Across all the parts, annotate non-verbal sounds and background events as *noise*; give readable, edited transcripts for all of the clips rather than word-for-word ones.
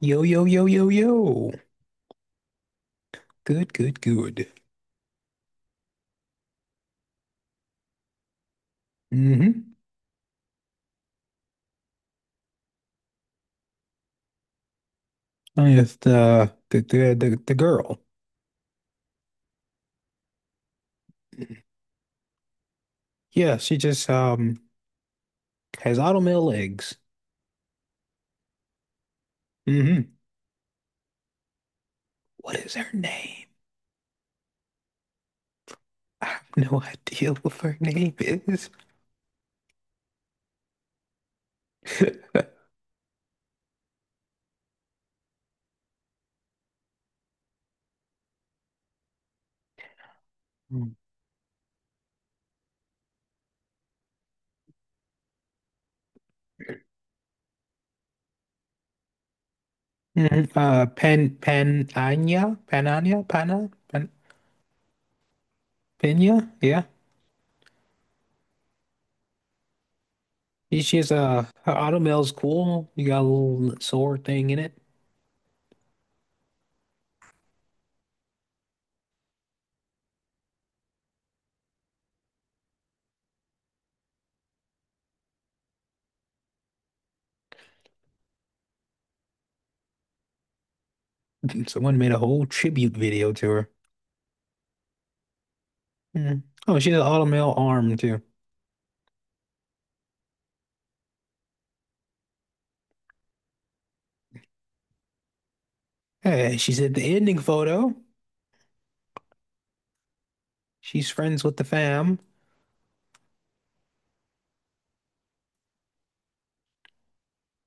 Yo, yo, yo, yo, yo. Good, good, good. Mm-hmm. With the girl. Yeah, she just has automail legs. Mm-hmm. What is her name? I have no *laughs* idea what her name is. *laughs* Mm. Mhm. Penania, Panania, Pana, Pen Pena. Yeah, she has her automail's cool. You got a little sword thing in it. *laughs* Someone made a whole tribute video to her. Mm. Oh, she has an auto male arm too. Hey, she's at the ending photo. She's friends with the fam.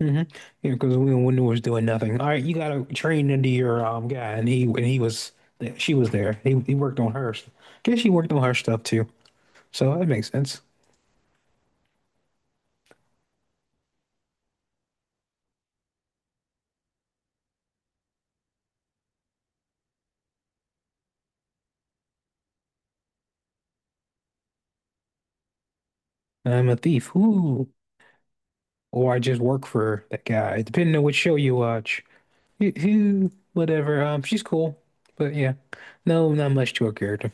Mm hmm. Yeah, because we Windu was doing nothing. All right, you got to train into your guy, and he was she was there. He worked on her. Guess she worked on her stuff too. So that makes sense. I'm a thief. Ooh, or I just work for that guy. Depending on which show you watch. Whatever. She's cool, but yeah, no, not much to her character.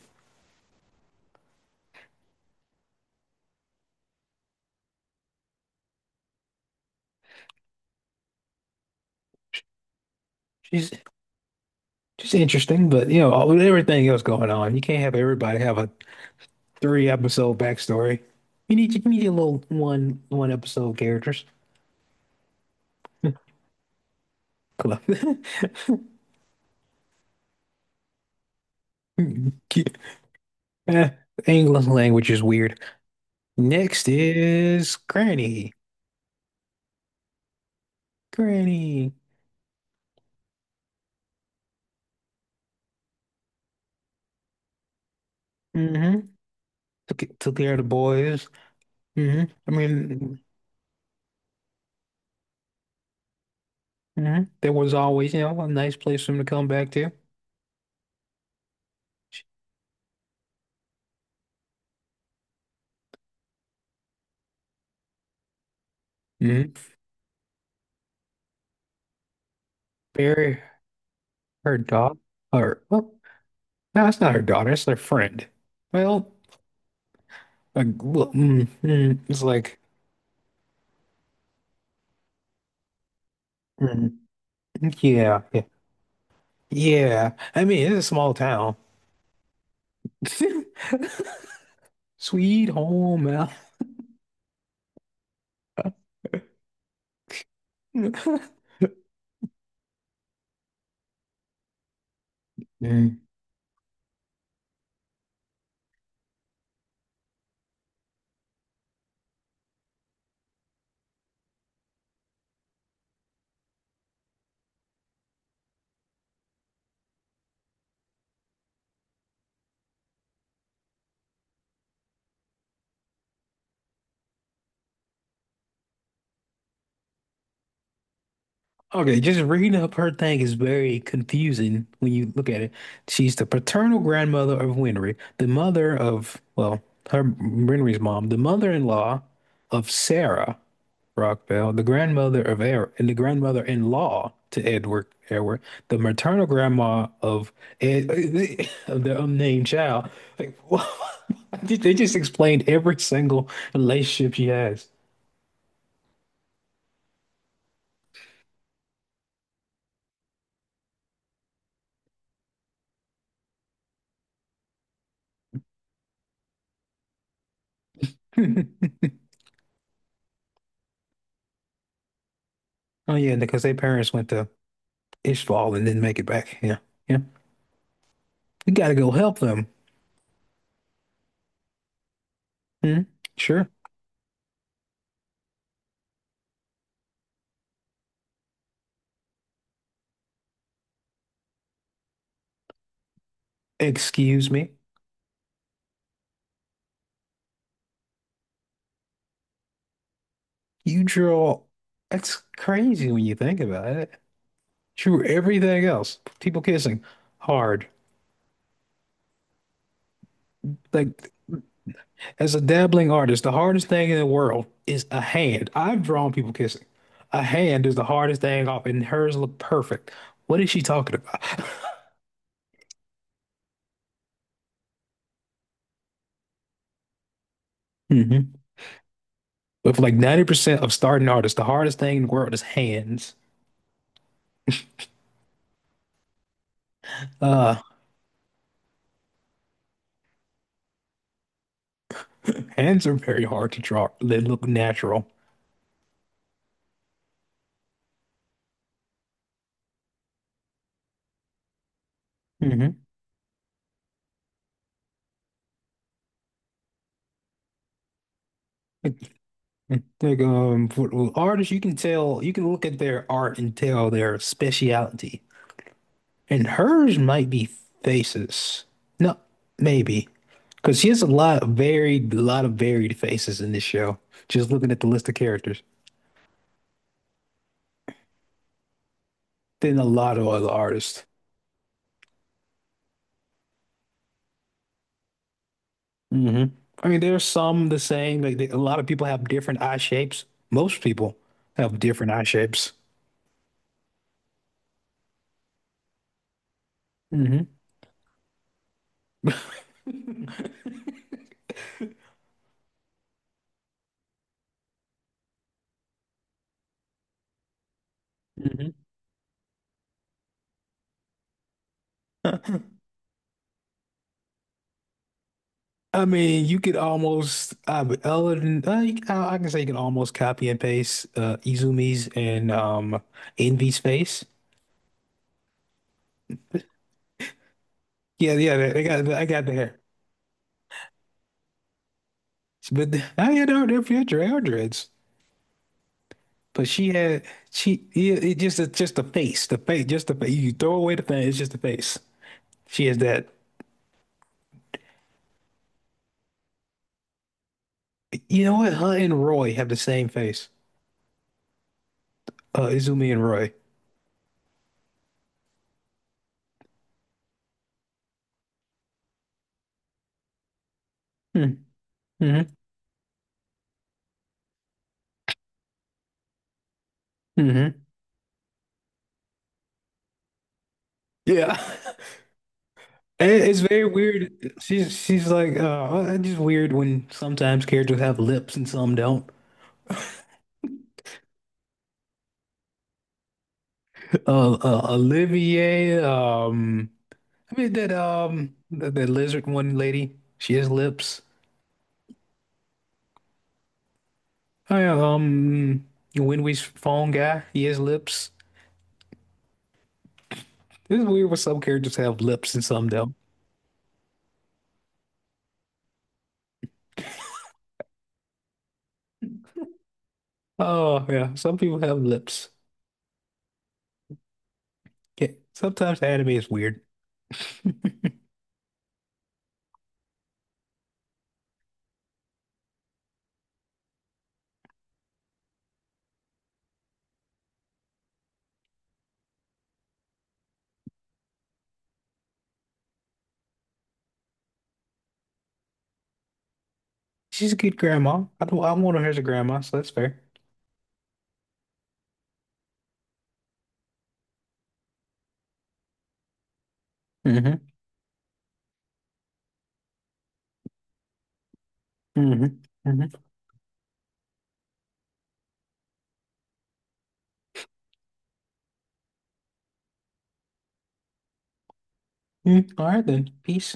She's Just interesting, but you know, with everything else going on, you can't have everybody have a three episode backstory. You need your little one episode characters. *laughs* Cool. *laughs* Eh, English language is weird. Next is Granny. Granny. Hmm. Took care of the boys. Hmm. I mean, mhm. There was always, you know, a nice place for them to come back to. Hmm. Bury her dog. Her, what? No, that's not her daughter. It's their friend. Well, like, well, it's like, mm, yeah, yeah, yeah. I mean, it's a small town. *laughs* Sweet home, Al. *laughs* Mm. Okay, just reading up her thing is very confusing when you look at it. She's the paternal grandmother of Winry, the mother of, well, her Winry's mom, the mother-in-law of Sarah, Rockbell, the grandmother of and the grandmother-in-law to Edward, the maternal grandma of Ed *laughs* of the unnamed child. Like, *laughs* they just explained every single relationship she has. *laughs* Oh yeah, because their parents went to Ishval and didn't make it back. Yeah, yeah. We gotta go help them. Hmm. Sure. Excuse me. You draw. That's crazy when you think about it. Drew everything else. People kissing hard. Like as a dabbling artist, the hardest thing in the world is a hand. I've drawn people kissing. A hand is the hardest thing off, and hers look perfect. What is she talking about? *laughs* Hmm. But for like 90% of starting artists, the hardest thing in the world is hands. Uh, Hands are very hard to draw. They look natural. Hmm. Like for artists, you can tell, you can look at their art and tell their speciality. And hers might be faces. No, maybe. Because she has a lot of varied, a lot of varied faces in this show. Just looking at the list of characters, then a lot of other artists. Hmm. I mean, there's some the same. Like they, a lot of people have different eye shapes. Most people have different eye shapes. Hmm. Hmm. *laughs* I mean, you could almost, but other than, I can say you can almost copy and paste Izumi's and Envy's face. Yeah, yeah, they got, I got the hair. But I had her there for your dreads. But she had she yeah, it just it's just the face, just the face. You throw away the face, it's just the face. She has that. You know what? Her and Roy have the same face. Izumi and Roy. Hmm. Mm-hmm. Mm-hmm. Yeah. *laughs* And it's very weird. She's like it's just weird when sometimes characters have lips and some don't. Olivier, I mean that, that lizard one lady, she has lips. Hi, when we phone guy, he has lips. This is weird. What some characters have lips and some don't. Oh yeah, some people have lips. Yeah, sometimes anime is weird. *laughs* She's a good grandma. I don't. I want her as a grandma, so that's fair. Mm-hmm. Mm-hmm. Mm-hmm. Mm, all right then. Peace.